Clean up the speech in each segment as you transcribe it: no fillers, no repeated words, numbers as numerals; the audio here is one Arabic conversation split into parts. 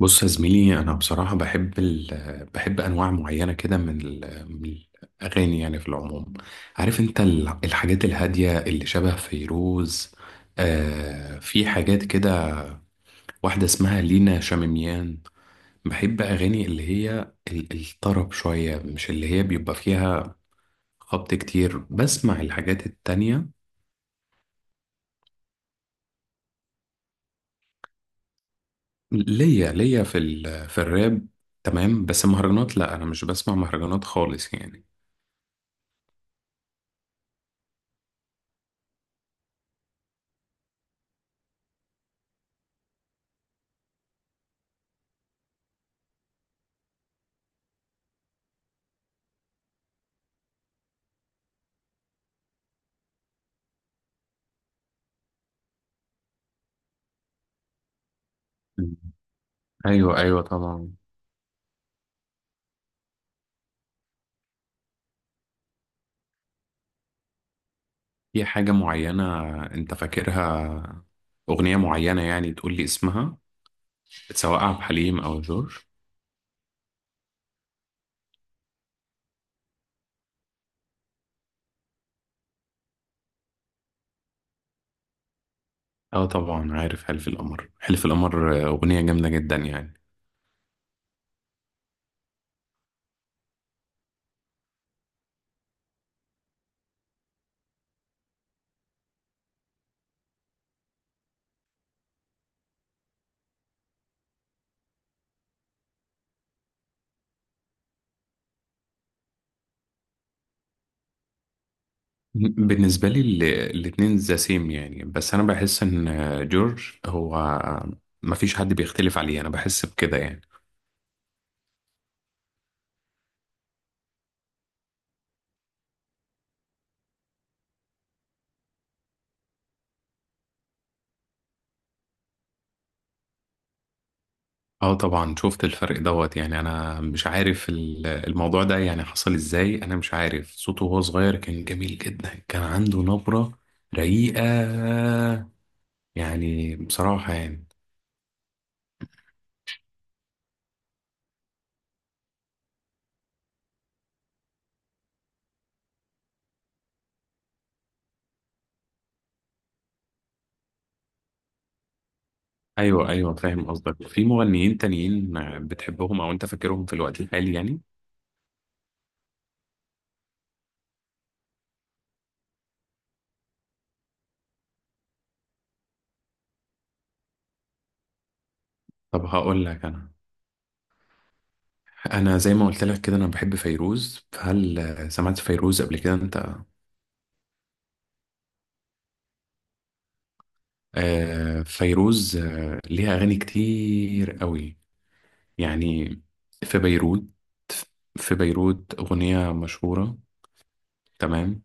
بص يا زميلي، انا بصراحه بحب بحب انواع معينه كده من الاغاني يعني في العموم. عارف انت الحاجات الهاديه اللي شبه فيروز. آه، في حاجات كده. واحده اسمها لينا شاميميان. بحب اغاني اللي هي الطرب شويه، مش اللي هي بيبقى فيها خبط كتير. بسمع الحاجات التانية. ليا في الراب، تمام. بس مهرجانات لا، انا مش بسمع مهرجانات خالص يعني. ايوه، ايوه، طبعا. في حاجة معينة أنت فاكرها؟ أغنية معينة يعني تقول لي اسمها؟ سواء عبد الحليم أو جورج؟ أه، طبعا عارف حلف القمر. حلف القمر أغنية جامدة جدا يعني. بالنسبة لي الاتنين ذا سيم يعني. بس أنا بحس إن جورج هو، مفيش حد بيختلف عليه، أنا بحس بكده يعني. اه، طبعا شفت الفرق دوت يعني. انا مش عارف الموضوع ده يعني حصل ازاي. انا مش عارف، صوته وهو صغير كان جميل جدا، كان عنده نبرة رقيقة، يعني بصراحة يعني. ايوه، ايوه فاهم قصدك. في مغنيين تانيين بتحبهم او انت فاكرهم في الوقت الحالي يعني؟ طب هقول لك انا زي ما قلت لك كده، انا بحب فيروز. فهل سمعت فيروز قبل كده انت؟ آه فيروز، آه ليها اغاني كتير قوي يعني. في بيروت، في بيروت أغنية مشهورة. تمام.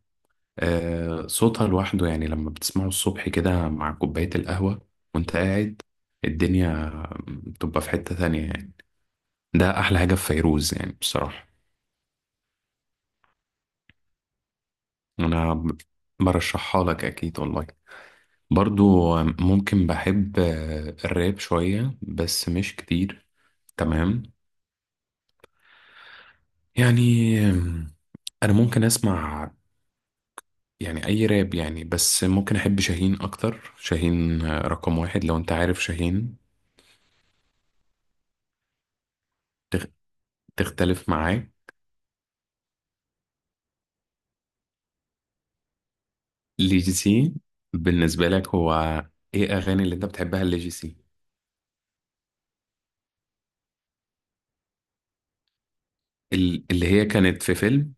آه، صوتها لوحده يعني، لما بتسمعه الصبح كده مع كوباية القهوة وانت قاعد، الدنيا بتبقى في حتة تانية يعني. ده أحلى حاجة في فيروز يعني بصراحة. أنا برشحها لك أكيد والله. برضو ممكن بحب الراب شوية بس مش كتير. تمام يعني. أنا ممكن أسمع يعني اي راب يعني. بس ممكن احب شاهين اكتر. شاهين رقم واحد لو انت عارف شاهين. تخ- تختلف معاه؟ ليجيسي، بالنسبة لك هو ايه اغاني اللي انت بتحبها ليجيسي؟ اللي هي كانت في فيلم؟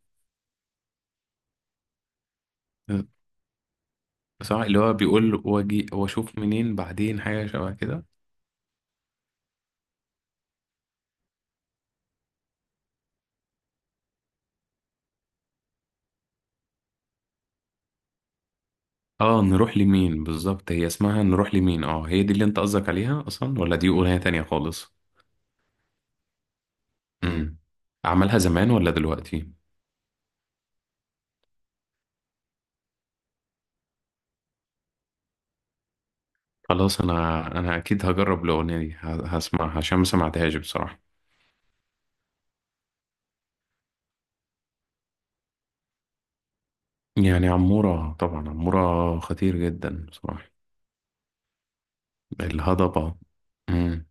آه، صح، اللي هو بيقول واجي واشوف منين بعدين، حاجة شبه كده. اه، نروح لمين بالظبط. هي اسمها نروح لمين؟ اه، هي دي اللي انت قصدك عليها اصلا ولا دي اغنية تانية خالص؟ امم عملها زمان ولا دلوقتي؟ خلاص انا اكيد هجرب الاغنيه دي. هسمعها عشان ما سمعتهاش بصراحه. يعني عموره طبعا، عموره خطير جدا بصراحه. الهضبه. امم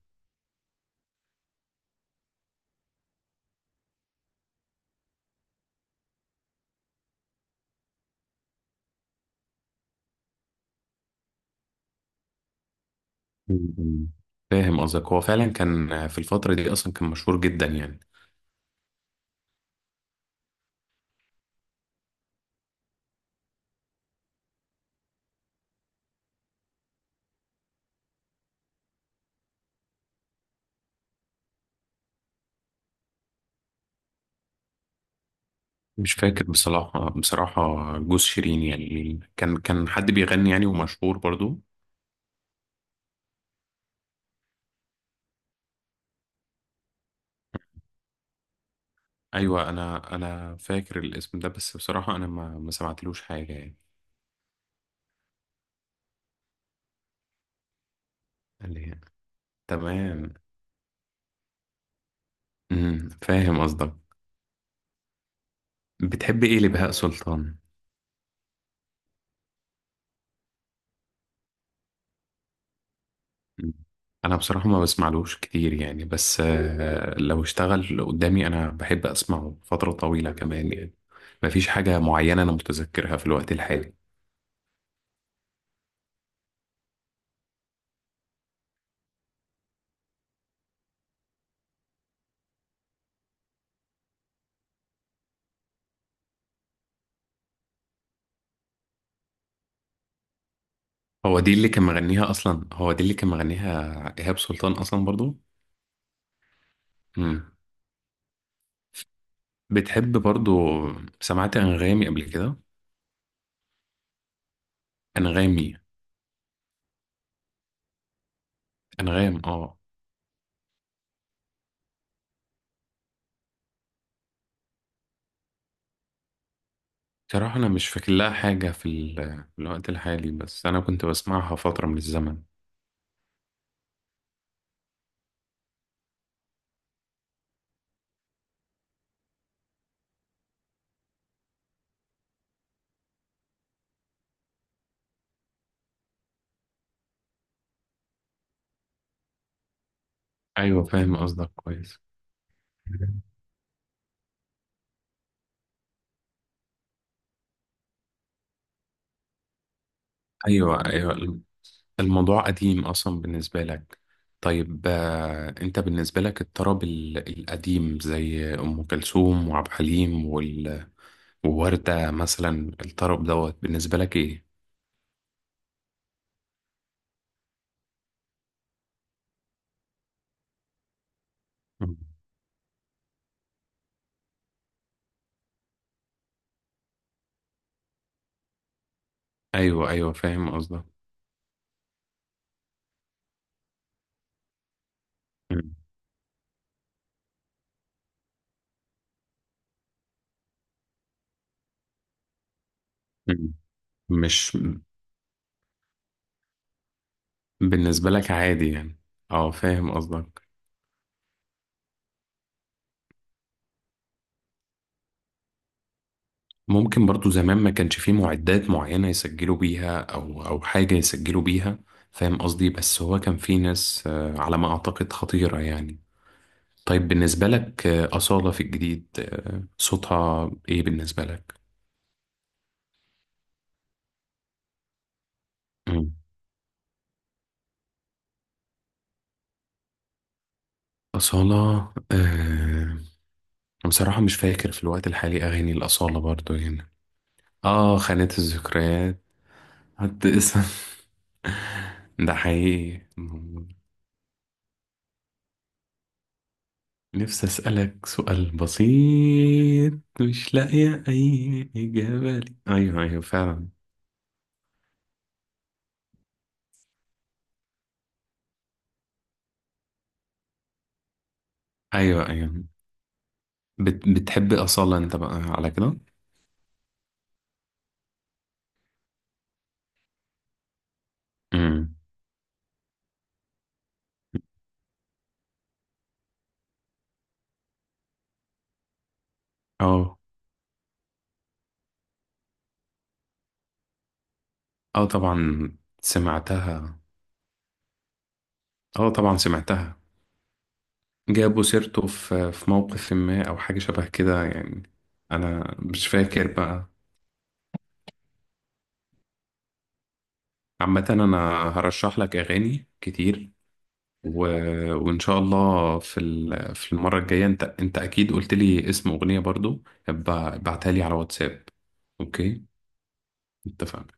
أمم. فاهم قصدك. هو فعلا كان في الفتره دي، اصلا كان مشهور جدا يعني. مش فاكر بصراحه، بصراحه. جوز شيرين يعني كان حد بيغني يعني ومشهور برضو؟ ايوه، انا فاكر الاسم ده. بس بصراحه انا ما سمعتلوش حاجه يعني. اللي هي. تمام. فاهم قصدك. بتحب ايه لبهاء سلطان؟ انا بصراحة ما بسمعلوش كتير يعني، بس لو اشتغل قدامي انا بحب اسمعه فترة طويلة كمان يعني. مفيش حاجة معينة انا متذكرها في الوقت الحالي. هو دي اللي كان مغنيها اصلا، هو دي اللي كان مغنيها ايهاب سلطان اصلا برضو. مم. بتحب برضو؟ سمعت انغامي قبل كده؟ انغامي انغام، اه. بصراحة انا مش فاكر لها حاجة في الوقت الحالي، بس انا كنت بسمعها فترة من الزمن. ايوه، فاهم قصدك كويس. ايوه، ايوه، الموضوع قديم اصلا بالنسبه لك. طيب، انت بالنسبه لك الطرب القديم زي ام كلثوم وعبد الحليم ووردة مثلا، الطرب دوت بالنسبه لك ايه؟ مم. ايوه، ايوه فاهم قصدك. مم. مم. مش. بالنسبه لك عادي يعني. اه، فاهم قصدك. ممكن برضو زمان ما كانش فيه معدات معينة يسجلوا بيها أو حاجة يسجلوا بيها. فاهم قصدي. بس هو كان فيه ناس، على ما أعتقد، خطيرة يعني. طيب بالنسبة لك أصالة في الجديد، صوتها إيه بالنسبة لك؟ مم. أصالة، بصراحة مش فاكر في الوقت الحالي أغاني الأصالة برضو هنا. آه، خانة الذكريات. حد اسم. ده حقيقي. نفسي أسألك سؤال بسيط. مش لاقية أي إجابة لي. أيوه، أيوه فعلا. أيوه، أيوه، بتحب أصالة أنت بقى على كده؟ امم. أه، أه طبعا سمعتها. أه طبعا سمعتها. جابوا سيرته في موقف ما أو حاجة شبه كده يعني. أنا مش فاكر بقى. عامة أنا هرشح لك أغاني كتير و... وان شاء الله في المره الجايه، انت اكيد قلت لي اسم اغنيه برضو. ابعتها لي على واتساب. اوكي. اتفقنا.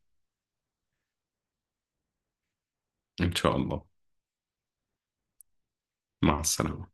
ان شاء الله. مع السلامه.